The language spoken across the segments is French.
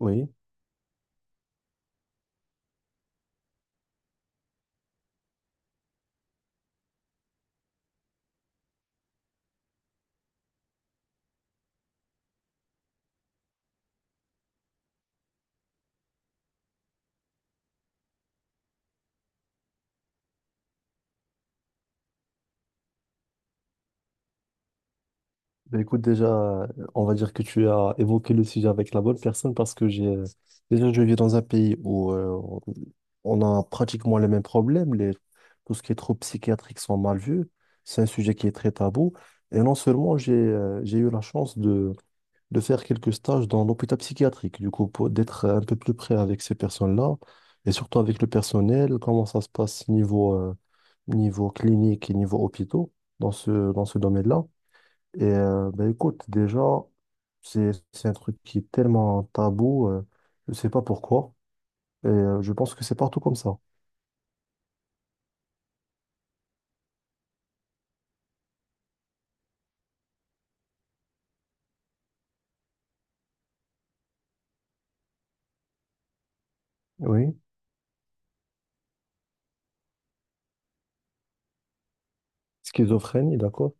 Oui, bah écoute, déjà, euh, on va dire que tu as évoqué le sujet avec la bonne personne parce que j'ai déjà, je vis dans un pays où on a pratiquement les mêmes problèmes. Tout ce qui est trop psychiatrique sont mal vus. C'est un sujet qui est très tabou. Et non seulement j'ai eu la chance de faire quelques stages dans l'hôpital psychiatrique, du coup, d'être un peu plus près avec ces personnes-là et surtout avec le personnel, comment ça se passe niveau clinique et niveau hôpitaux dans ce domaine-là. Et bah, écoute, déjà, c'est un truc qui est tellement tabou, je sais pas pourquoi, et je pense que c'est partout comme ça. Oui, schizophrénie, d'accord?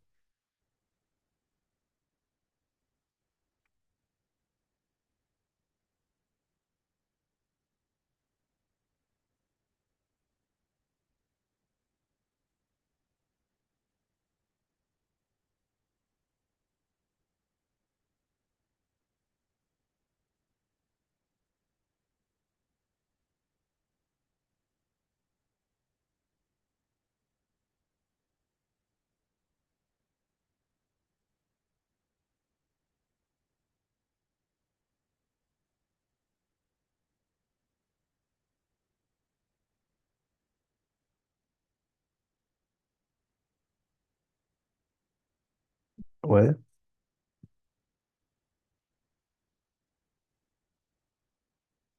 Ouais,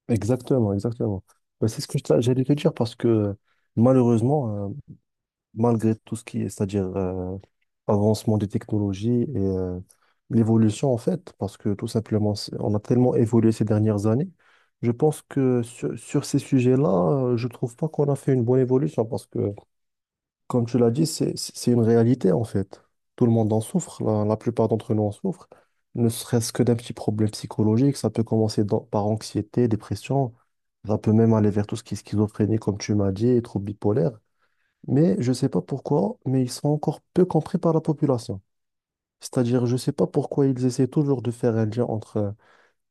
exactement, exactement. Bah, c'est ce que j'allais te dire parce que malheureusement, malgré tout ce qui est, c'est-à-dire avancement des technologies et l'évolution en fait, parce que tout simplement, on a tellement évolué ces dernières années. Je pense que sur, sur ces sujets-là, je trouve pas qu'on a fait une bonne évolution parce que, comme tu l'as dit, c'est une réalité en fait. Tout le monde en souffre, la plupart d'entre nous en souffrent, ne serait-ce que d'un petit problème psychologique. Ça peut commencer par anxiété, dépression, ça peut même aller vers tout ce qui est schizophrénie, comme tu m'as dit, et troubles bipolaires. Mais je ne sais pas pourquoi, mais ils sont encore peu compris par la population. C'est-à-dire, je ne sais pas pourquoi ils essaient toujours de faire un lien entre...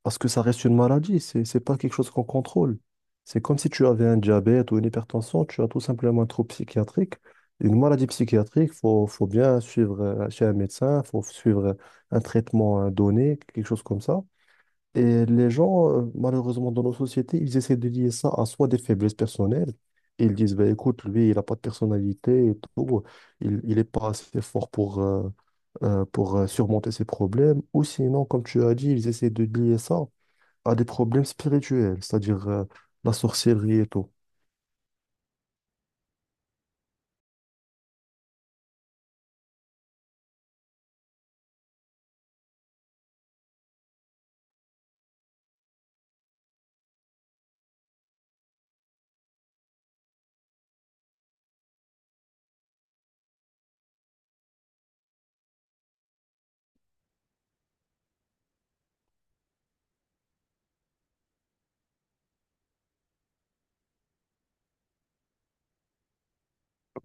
Parce que ça reste une maladie, c'est pas quelque chose qu'on contrôle. C'est comme si tu avais un diabète ou une hypertension, tu as tout simplement un trouble psychiatrique. Une maladie psychiatrique, faut bien suivre chez un médecin, il faut suivre un traitement donné, quelque chose comme ça. Et les gens, malheureusement, dans nos sociétés, ils essaient de lier ça à soit des faiblesses personnelles. Ils disent, bah, écoute, lui, il n'a pas de personnalité et tout. Il est pas assez fort pour, surmonter ses problèmes. Ou sinon, comme tu as dit, ils essaient de lier ça à des problèmes spirituels, c'est-à-dire la sorcellerie et tout.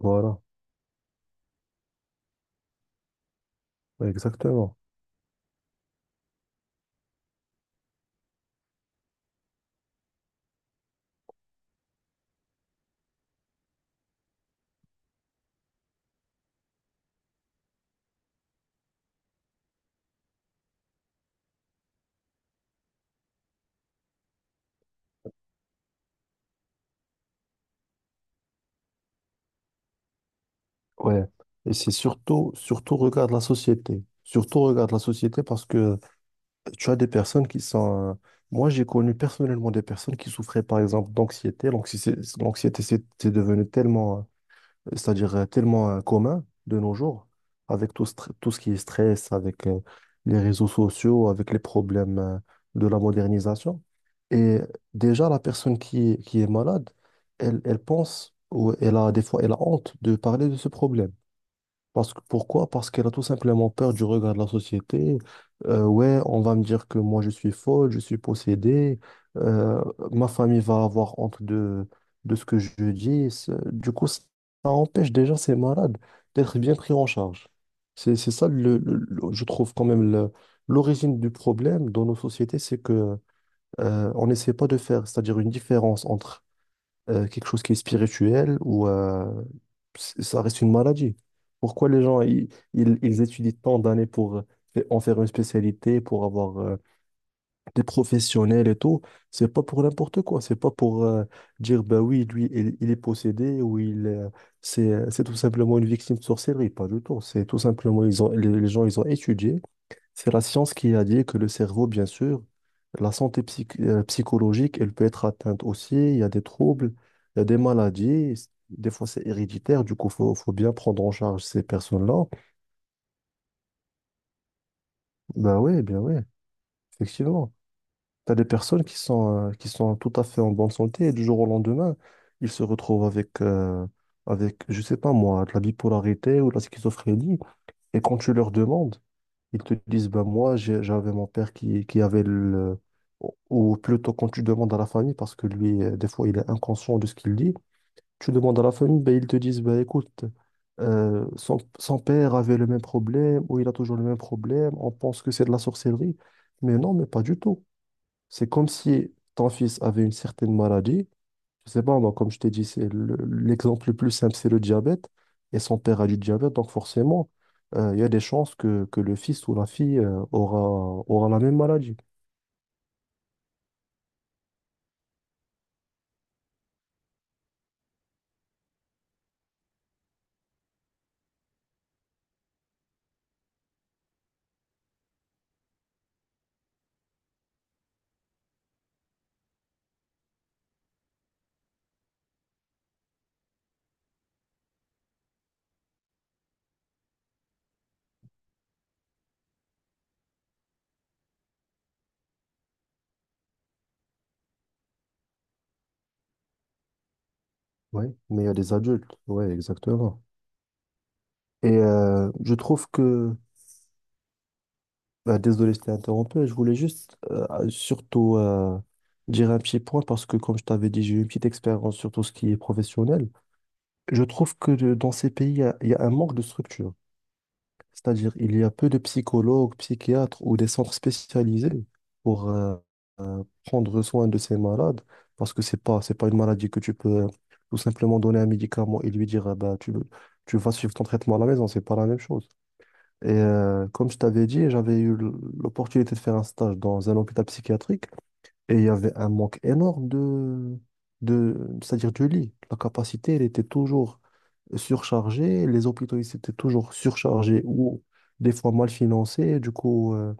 Voilà. Ouais, exactement. Ouais. Et c'est surtout, surtout, regarde la société. Surtout, regarde la société parce que tu as des personnes qui sont. Moi, j'ai connu personnellement des personnes qui souffraient, par exemple, d'anxiété. L'anxiété, l'anxiété, c'est devenu tellement, c'est-à-dire tellement commun de nos jours, avec tout, tout ce qui est stress, avec les réseaux sociaux, avec les problèmes de la modernisation. Et déjà, la personne qui est malade, elle, elle pense, ou elle a des fois, elle a honte de parler de ce problème. Parce que, pourquoi? Parce qu'elle a tout simplement peur du regard de la société. Ouais, on va me dire que moi je suis folle, je suis possédée. Euh, Ma famille va avoir honte de ce que je dis. Du coup, ça empêche déjà ces malades d'être bien pris en charge. C'est ça, je trouve quand même l'origine du problème dans nos sociétés, c'est que on n'essaie pas de faire, c'est-à-dire une différence entre quelque chose qui est spirituel ou ça reste une maladie. Pourquoi les gens ils étudient tant d'années pour en faire une spécialité, pour avoir des professionnels et tout? C'est pas pour n'importe quoi. C'est pas pour dire bah oui, lui, il est possédé ou il c'est tout simplement une victime de sorcellerie. Pas du tout. C'est tout simplement les gens ils ont étudié. C'est la science qui a dit que le cerveau, bien sûr, la santé psychologique, elle peut être atteinte aussi. Il y a des troubles, il y a des maladies. Des fois, c'est héréditaire. Du coup, faut bien prendre en charge ces personnes-là. Ben oui, bien oui, effectivement. Tu as des personnes qui sont tout à fait en bonne santé et du jour au lendemain, ils se retrouvent avec je sais pas moi, de la bipolarité ou de la schizophrénie. Et quand tu leur demandes, ils te disent, ben moi, j'avais mon père qui avait le... ou plutôt quand tu demandes à la famille, parce que lui, des fois, il est inconscient de ce qu'il dit, tu demandes à la famille, ben ils te disent, ben écoute, son père avait le même problème, ou il a toujours le même problème, on pense que c'est de la sorcellerie. Mais non, mais pas du tout. C'est comme si ton fils avait une certaine maladie, je sais pas, moi, comme je t'ai dit, l'exemple le plus simple, c'est le diabète. Et son père a du diabète, donc forcément, il y a des chances que le fils ou la fille aura la même maladie. Oui, mais il y a des adultes. Oui, exactement. Et je trouve que, bah, désolé, je t'ai interrompu, je voulais juste surtout dire un petit point parce que, comme je t'avais dit, j'ai eu une petite expérience sur tout ce qui est professionnel. Je trouve que dans ces pays, il y a un manque de structure. C'est-à-dire, il y a peu de psychologues, psychiatres ou des centres spécialisés pour prendre soin de ces malades, parce que c'est pas une maladie que tu peux tout simplement donner un médicament et lui dire, ah ben, tu vas suivre ton traitement à la maison, c'est pas la même chose. Et comme je t'avais dit, l'opportunité de faire un stage dans un hôpital psychiatrique et il y avait un manque énorme de, c'est-à-dire du lit. La capacité, elle était toujours surchargée. Les hôpitaux, ils étaient toujours surchargés ou des fois mal financés. Du coup,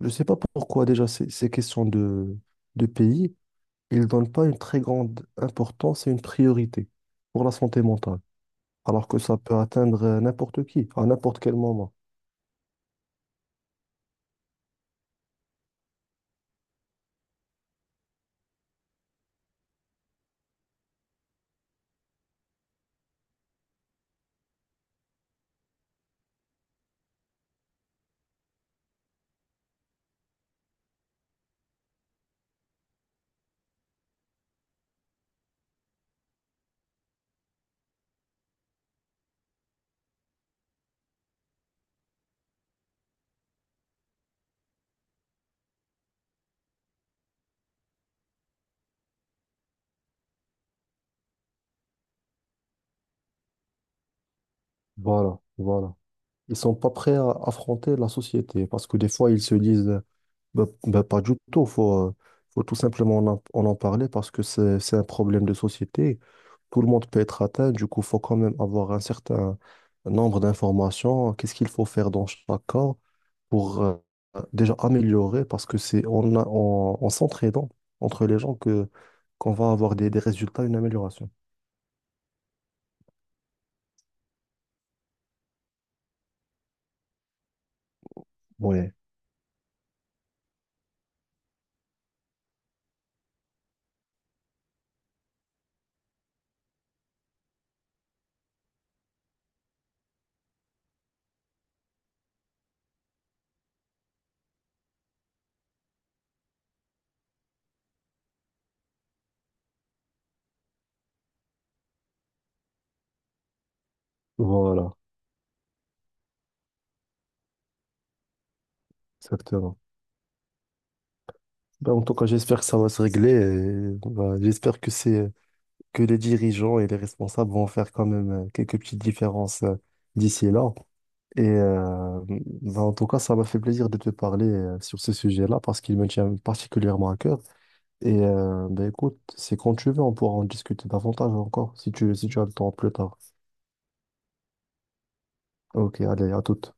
je ne sais pas pourquoi déjà ces questions de pays, ils ne donnent pas une très grande importance et une priorité pour la santé mentale. Alors que ça peut atteindre n'importe qui, à n'importe quel moment. Voilà, voilà. Ils sont pas prêts à affronter la société parce que des fois, ils se disent... Bah, bah, pas du tout. Faut tout simplement en en parler parce que c'est un problème de société. Tout le monde peut être atteint. Du coup, faut quand même avoir un certain nombre d'informations. Qu'est-ce qu'il faut faire dans chaque cas pour déjà améliorer parce que c'est en s'entraidant entre les gens que qu'on va avoir des résultats, une amélioration. Ouais, voilà, exactement. Bah, en tout cas, j'espère que ça va se régler. Et, bah, j'espère que c'est que les dirigeants et les responsables vont faire quand même quelques petites différences d'ici et là. Et bah, en tout cas, ça m'a fait plaisir de te parler sur ce sujet-là parce qu'il me tient particulièrement à cœur. Et bah, écoute, c'est quand tu veux, on pourra en discuter davantage encore si tu as le temps plus tard. Ok, allez, à toute.